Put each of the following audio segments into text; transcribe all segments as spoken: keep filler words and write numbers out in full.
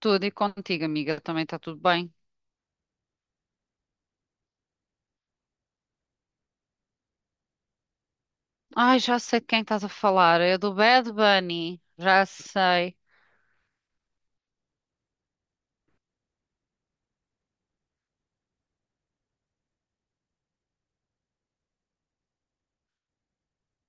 Tudo e contigo, amiga, também está tudo bem. Ai, já sei de quem estás a falar. É do Bad Bunny. Já sei.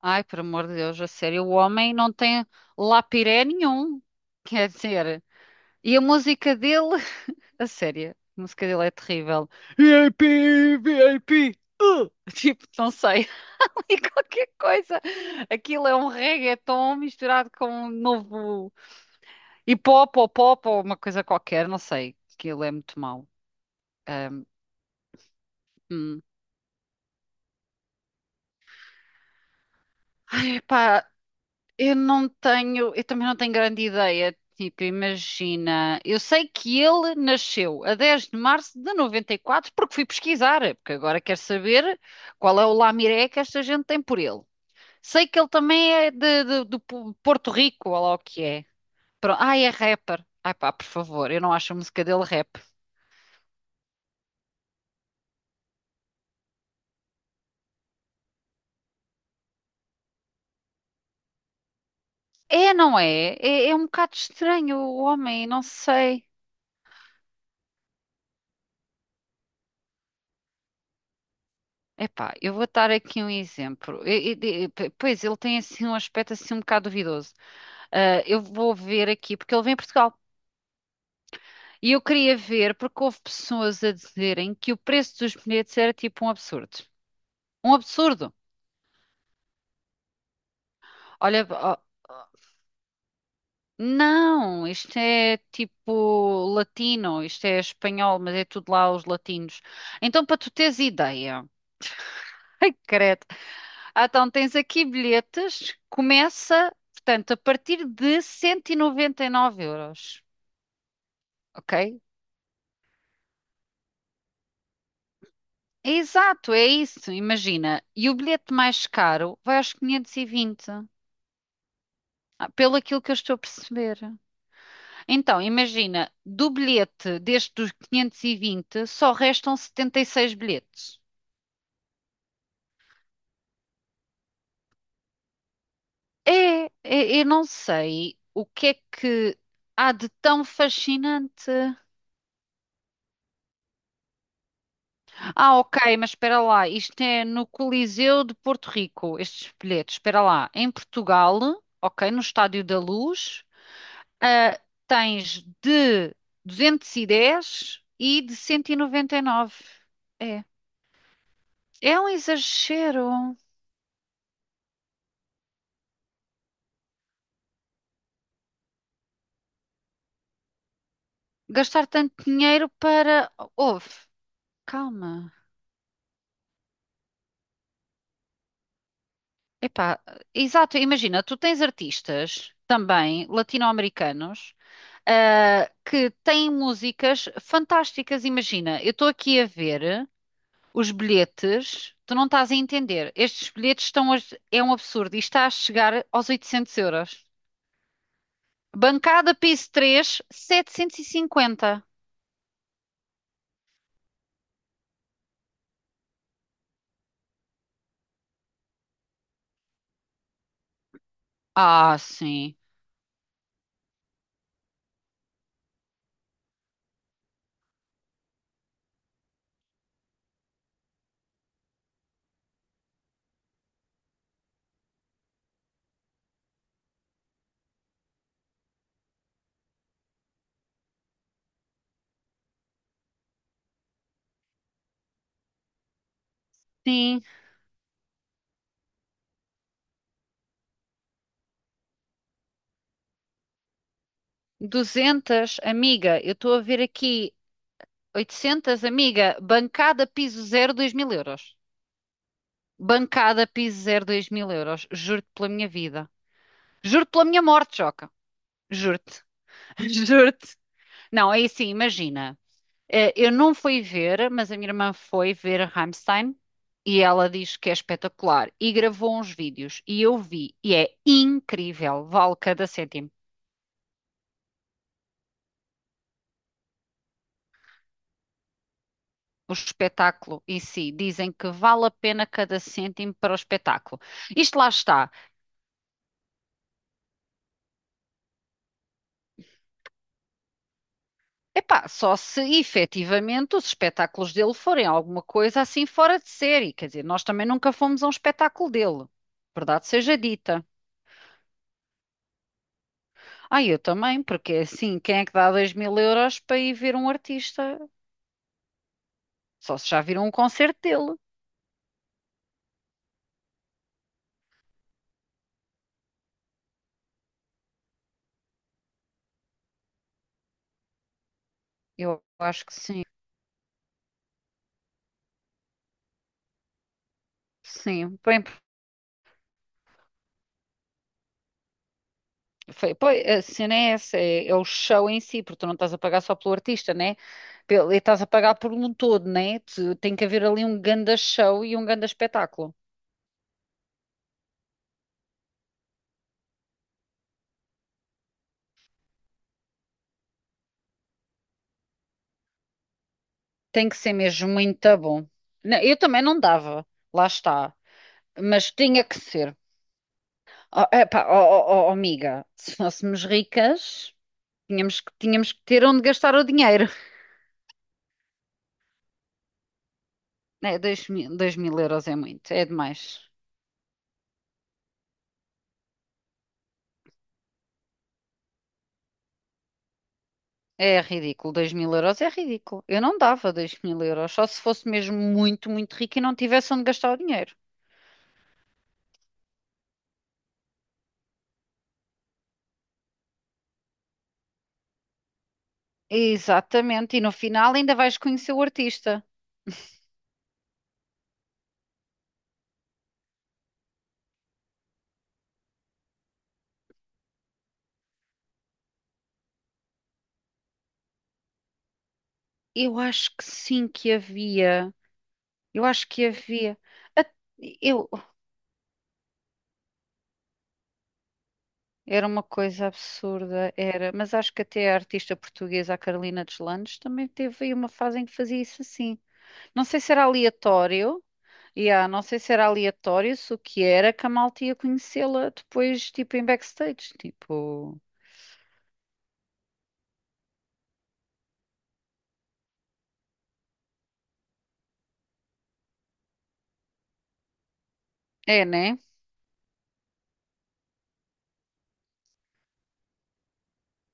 Ai, por amor de Deus, a sério, o homem não tem lapiré nenhum. Quer dizer, e a música dele, a sério, a música dele é terrível. V I P, V I P. uh, Tipo, não sei, ali qualquer coisa. Aquilo é um reggaeton misturado com um novo hip hop ou pop ou uma coisa qualquer, não sei. Aquilo é muito mau. Ai, epá, eu não tenho, eu também não tenho grande ideia. Tipo, imagina, eu sei que ele nasceu a dez de março de noventa e quatro porque fui pesquisar, porque agora quero saber qual é o lamiré que esta gente tem por ele. Sei que ele também é de, de- do P- Porto Rico, ou lá o que é. Pronto. Ai, é rapper. Ai pá, por favor, eu não acho a música dele rap. É, não é? É, é um bocado estranho o homem, não sei. Epá, eu vou dar aqui um exemplo. E- e- e- p- pois, ele tem assim um aspecto assim um bocado duvidoso. Ah, eu vou ver aqui, porque ele vem a Portugal. E eu queria ver, porque houve pessoas a dizerem que o preço dos bilhetes era tipo um absurdo. Um absurdo! Olha, ó, não, isto é tipo latino, isto é espanhol, mas é tudo lá os latinos. Então, para tu teres ideia, ai, credo. Ah, então tens aqui bilhetes, começa, portanto, a partir de cento e noventa e nove euros, ok? É Exato, é isso, imagina. E o bilhete mais caro vai aos quinhentos e vinte, ah, pelo aquilo que eu estou a perceber. Então, imagina, do bilhete deste dos quinhentos e vinte, só restam setenta e seis bilhetes. É, é- eu não sei o que é que há de tão fascinante. Ah, ok, mas espera lá, isto é no Coliseu de Porto Rico, estes bilhetes, espera lá, em Portugal, ok, no Estádio da Luz, ah, tens de duzentos e dez e dez e de cento e noventa e nove. É, é um exagero gastar tanto dinheiro para... Ouve, calma, epá, exato, imagina, tu tens artistas também latino-americanos ah, que têm músicas fantásticas. Imagina, eu estou aqui a ver os bilhetes, tu não estás a entender. Estes bilhetes estão a, É um absurdo e está a chegar aos oitocentos euros. Bancada piso três, setecentos e cinquenta. Ah, sim. Sim, duzentos, amiga. Eu estou a ver aqui oitocentos, amiga. Bancada piso zero, dois mil euros. Bancada piso zero, dois mil euros. Juro-te pela minha vida. Juro-te pela minha morte, Joca. Juro-te. Juro-te. Não, é assim, imagina. eh, Eu não fui ver, mas a minha irmã foi ver Rammstein e ela diz que é espetacular e gravou uns vídeos e eu vi e é incrível, vale cada cêntimo. O espetáculo em si, dizem que vale a pena cada cêntimo para o espetáculo. Isto lá está. Epá, só se efetivamente os espetáculos dele forem alguma coisa assim fora de série. Quer dizer, nós também nunca fomos a um espetáculo dele, verdade seja dita. Ah, eu também, porque é assim, quem é que dá dois mil euros para ir ver um artista? Só se já viram um concerto dele. Eu acho que sim, sim. Bem, foi, pois, a cena é essa, é, é o show em si, porque tu não estás a pagar só pelo artista, né? Pelo, e estás a pagar por um todo, né? Tu- tem que haver ali um ganda show e um ganda espetáculo. Tem que ser mesmo muito bom. Não, eu também não dava, lá está, mas tinha que ser. Oh, epá, oh, oh, oh, oh, amiga, se fôssemos ricas. Tínhamos que, tínhamos que ter onde gastar o dinheiro. É, dois mil, dois mil euros é muito, é demais. É ridículo, dois mil euros é ridículo. Eu não dava dois mil euros, só se fosse mesmo muito, muito rico e não tivesse onde gastar o dinheiro. Exatamente, e no final ainda vais conhecer o artista. Eu acho que sim que havia. Eu acho que havia. Eu era uma coisa absurda, era, mas acho que até a artista portuguesa, a Carolina Deslandes, também teve aí uma fase em que fazia isso assim. Não sei se era aleatório. Yeah, não sei se era aleatório, se o que era, que a malta ia conhecê-la depois, tipo, em backstage. Tipo, é, né?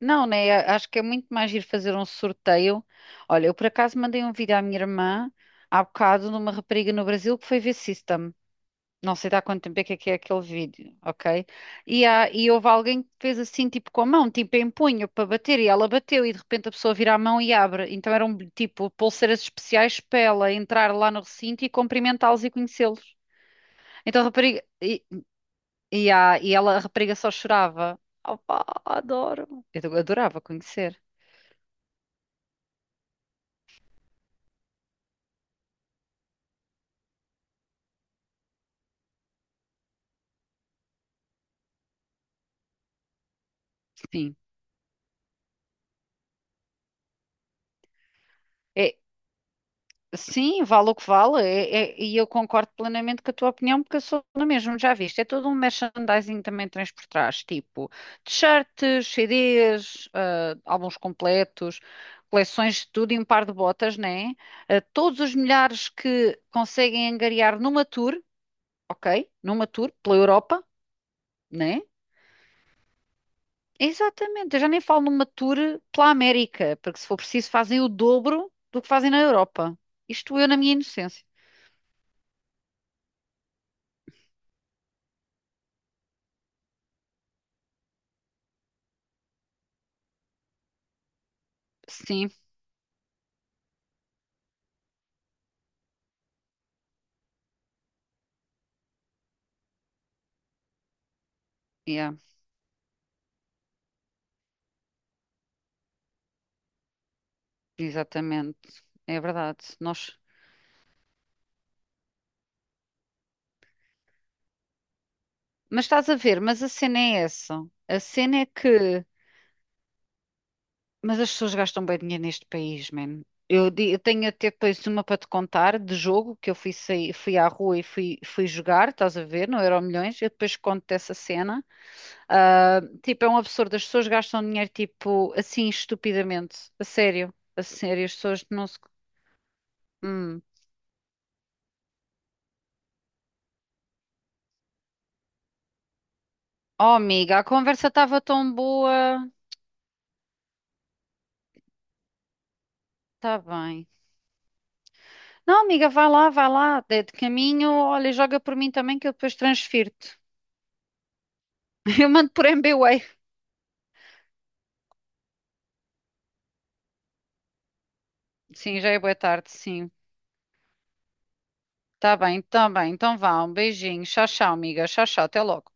Não, né? A- Acho que é muito mais giro fazer um sorteio. Olha, eu por acaso mandei um vídeo à minha irmã há bocado de uma rapariga no Brasil que foi ver System. Não sei de há quanto tempo é que é que é aquele vídeo, ok? E, há, e houve alguém que fez assim, tipo, com a mão, tipo, em punho, para bater, e ela bateu, e de repente a pessoa vira a mão e abre. Então eram, tipo, pulseiras especiais para ela entrar lá no recinto e cumprimentá-los e conhecê-los. Então a rapariga. E, e, a, e ela, a rapariga só chorava. Opá, adoro. Eu do- adorava conhecer. Sim. É, sim, vale o que vale. É- é- e eu concordo plenamente com a tua opinião, porque eu sou na mesma, já viste. É todo um merchandising também tens por trás, tipo t-shirts, C Ds, ah, álbuns completos, coleções de tudo e um par de botas, né? Ah, todos os milhares que conseguem angariar numa tour, ok? Numa tour pela Europa, né? Exatamente, eu já nem falo numa tour pela América, porque se for preciso fazem o dobro do que fazem na Europa. Isto eu na minha inocência. Sim, yeah, exatamente, é verdade. Nós... Mas estás a ver, mas a cena é essa. A cena é que. Mas as pessoas gastam bem dinheiro neste país, man. Eu, di- eu tenho até depois uma para te contar de jogo que eu fui, sair, fui à rua e fui, fui jogar, estás a ver, no Euromilhões. Eu depois conto dessa cena. Ah, tipo, é um absurdo. As pessoas gastam dinheiro, tipo, assim, estupidamente. A sério. A sério. As pessoas não se. Hum. Oh, amiga, a conversa estava tão boa. Tá bem. Não, amiga, vai lá, vai lá. De, de caminho, olha, joga por mim também que eu depois transfiro-te. Eu mando por MBWay. Sim, já é boa tarde, sim. Tá bem, tá bem. Então vá, um beijinho. Tchau, tchau, amiga. Tchau, tchau. Até logo.